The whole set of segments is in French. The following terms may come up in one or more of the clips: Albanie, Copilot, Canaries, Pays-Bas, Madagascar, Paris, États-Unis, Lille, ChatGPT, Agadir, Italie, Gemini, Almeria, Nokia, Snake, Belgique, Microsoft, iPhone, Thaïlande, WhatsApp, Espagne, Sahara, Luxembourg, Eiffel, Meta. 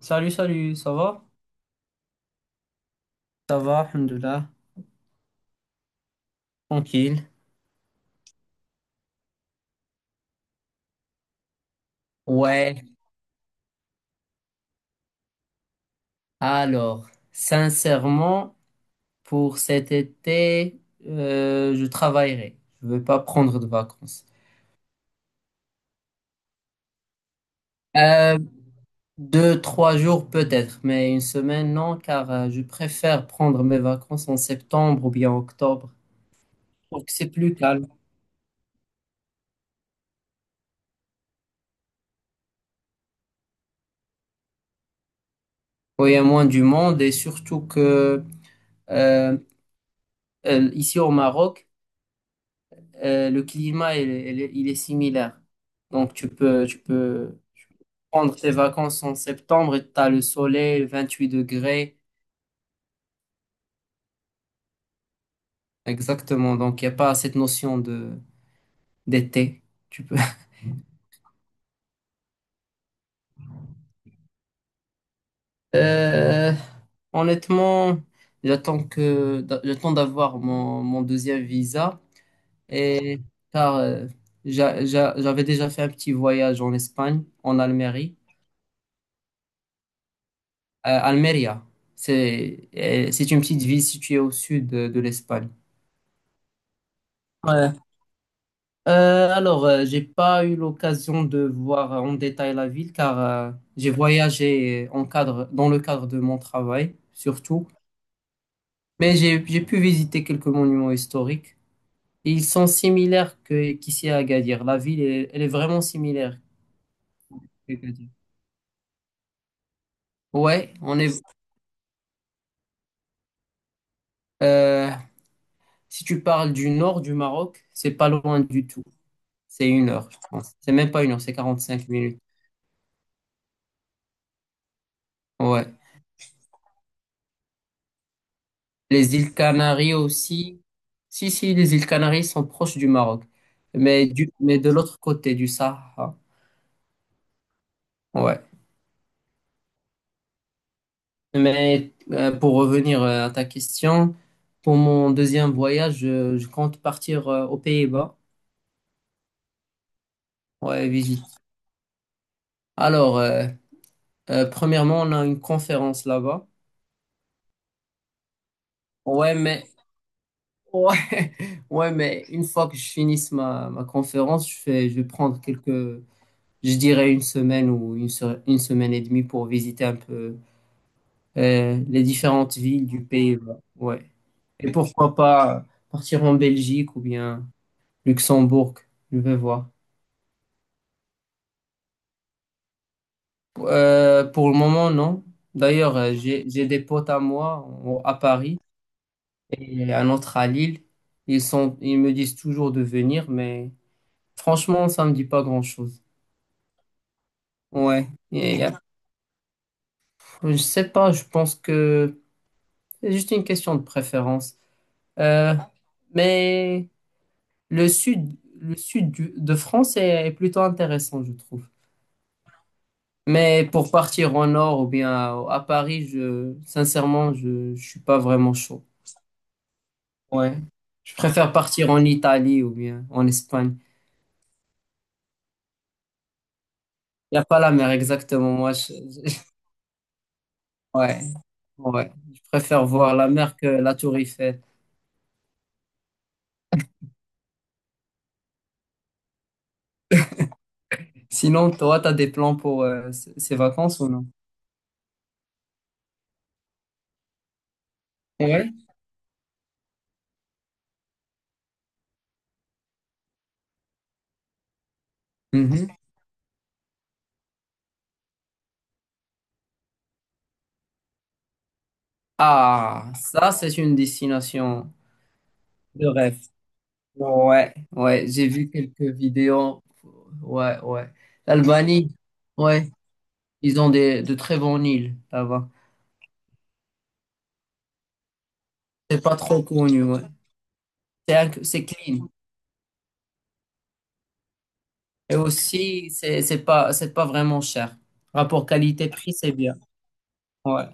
Salut, salut, ça va? Ça va, alhamdoulilah, tranquille. Ouais, alors, sincèrement, pour cet été, je travaillerai. Je ne vais pas prendre de vacances. Euh, Deux, trois jours peut-être, mais une semaine, non, car je préfère prendre mes vacances en septembre ou bien octobre. Donc c'est plus calme. Oui, il y a moins du monde et surtout que euh, ici au Maroc, le climat, il est similaire. Donc, tu peux prendre tes vacances en septembre et tu as le soleil, 28 degrés. Exactement. Donc, il n'y a pas cette notion de d'été. Tu peux. Euh, Honnêtement, j'attends d'avoir mon deuxième visa et car j'avais déjà fait un petit voyage en Espagne, en Almérie. Almeria. C'est une petite ville située au sud de l'Espagne. Ouais. J'ai pas eu l'occasion de voir en détail la ville car j'ai voyagé en cadre, dans le cadre de mon travail surtout, mais j'ai pu visiter quelques monuments historiques, et ils sont similaires que qu'ici à Agadir. La ville est, elle est vraiment similaire qu'Agadir. Ouais, on est. Euh, si tu parles du nord du Maroc, c'est pas loin du tout. C'est une heure, je pense. C'est même pas une heure, c'est 45 minutes. Ouais. Les îles Canaries aussi. Si, si, les îles Canaries sont proches du Maroc. Mais, de l'autre côté du Sahara. Ouais. Mais pour revenir à ta question, pour mon deuxième voyage, je compte partir aux Pays-Bas. Ouais, visite. Alors, euh, Premièrement, on a une conférence là-bas. Ouais, mais, ouais, ouais, mais une fois que je finisse ma conférence, je vais prendre quelques, je dirais une semaine ou une semaine et demie pour visiter un peu les différentes villes du pays. Ouais. Et pourquoi pas partir en Belgique ou bien Luxembourg, je vais voir. Pour le moment, non. D'ailleurs, j'ai des potes à moi à Paris et un autre à Lille. Ils me disent toujours de venir, mais franchement, ça me dit pas grand-chose. Ouais. Je sais pas, je pense que c'est juste une question de préférence. Euh, mais Le sud, de France est plutôt intéressant, je trouve. Mais pour partir en nord ou bien à Paris, sincèrement, je suis pas vraiment chaud. Ouais. Je préfère partir en Italie ou bien en Espagne. Il n'y a pas la mer exactement, moi. Ouais, ouais. Je préfère voir la mer que la tour Eiffel. Sinon, toi, tu as des plans pour ces vacances ou non? Ouais. Mhm. Ah, ça, c'est une destination de rêve. Ouais, ouais, j'ai vu quelques vidéos. Ouais, ouais. L'Albanie, ouais, ils ont des, de très bonnes îles là-bas. C'est pas trop connu, ouais. C'est clean. Et aussi, c'est pas vraiment cher. Rapport qualité-prix, c'est bien. Ouais.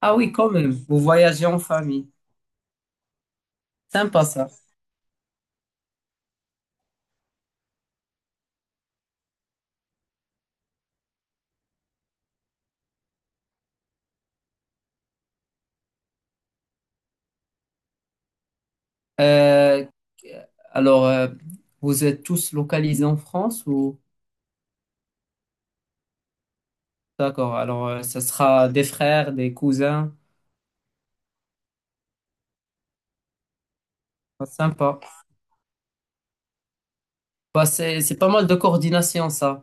Ah oui, quand même. Vous voyagez en famille. Sympa ça. Euh, alors, euh, Vous êtes tous localisés en France ou? D'accord. Alors, ça sera des frères, des cousins. Ah, sympa. C'est pas mal de coordination, ça.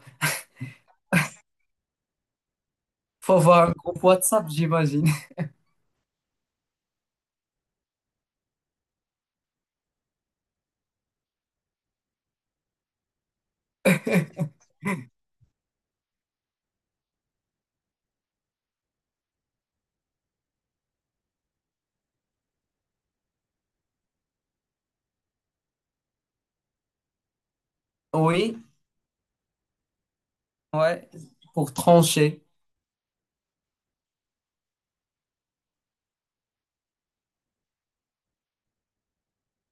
Faut avoir un groupe WhatsApp, j'imagine. Oui, ouais, pour trancher.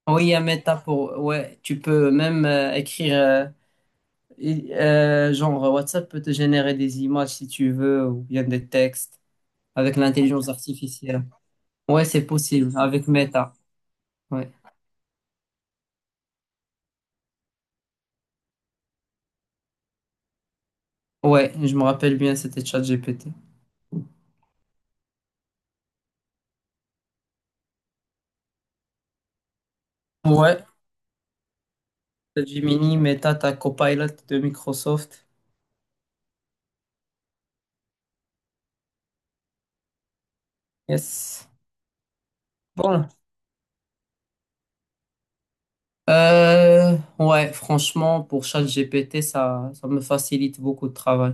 Oui, il y a Meta pour... Ouais, tu peux même écrire... genre, WhatsApp peut te générer des images si tu veux, ou bien des textes, avec l'intelligence artificielle. Ouais, c'est possible, avec Meta. Ouais, ouais, je me rappelle bien, c'était ChatGPT. Ouais, Gemini, Meta, ta Copilot de Microsoft. Yes. Bon. Ouais, franchement, pour ChatGPT, ça me facilite beaucoup de travail.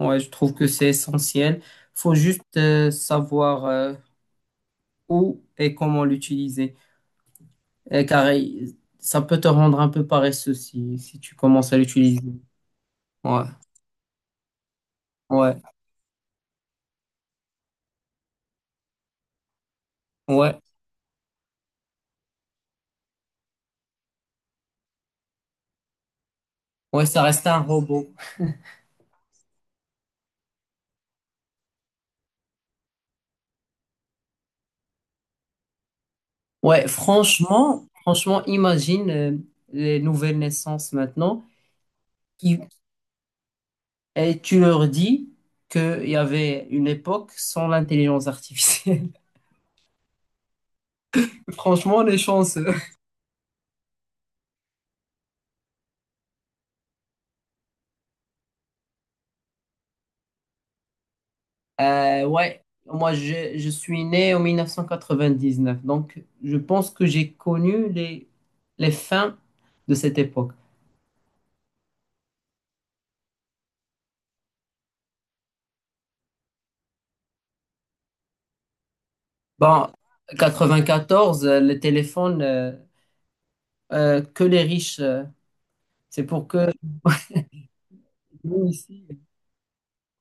Ouais, je trouve que c'est essentiel. Faut juste savoir où et comment l'utiliser. Ça peut te rendre un peu paresseux si tu commences à l'utiliser. Ouais, ouais, ouais, ouais, ça reste un robot. Ouais, franchement, franchement, imagine les nouvelles naissances maintenant qui, et tu leur dis qu'il y avait une époque sans l'intelligence artificielle. Franchement, les est chanceux. Je suis né en 1999, donc je pense que j'ai connu les fins de cette époque. Bon, 94, que les riches, c'est pour que... Nous, ici,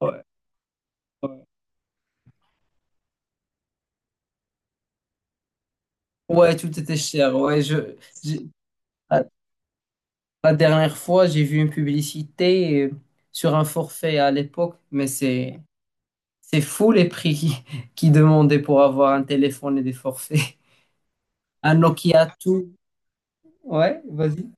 ouais, ouais. Ouais, tout était cher. Je- La dernière fois, j'ai vu une publicité sur un forfait à l'époque, mais c'est fou les prix qui, qui demandaient pour avoir un téléphone et des forfaits. Un Nokia tout. Ouais, vas-y.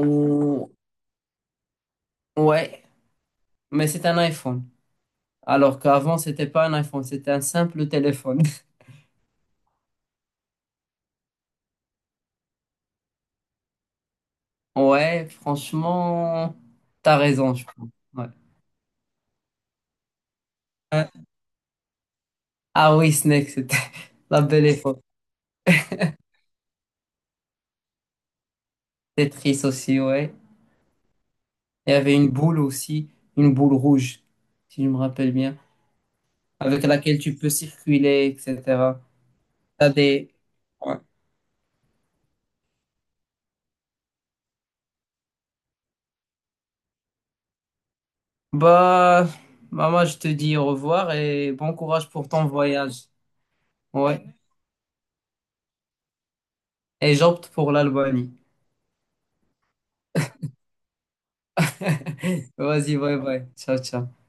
Ou- Ouais, mais c'est un iPhone. Alors qu'avant, c'était pas un iPhone, c'était un simple téléphone. Ouais, franchement, t'as raison, je pense. Ouais. Euh, ah oui, Snake, c'était la belle époque. Tetris aussi, ouais. Et il y avait une boule aussi, une boule rouge, si je me rappelle bien, avec laquelle tu peux circuler, etc. T'as des... Ouais. Bah, maman, je te dis au revoir et bon courage pour ton voyage. Ouais. Et j'opte pour l'Albanie. Vas-y, bye bye. Ciao, ciao.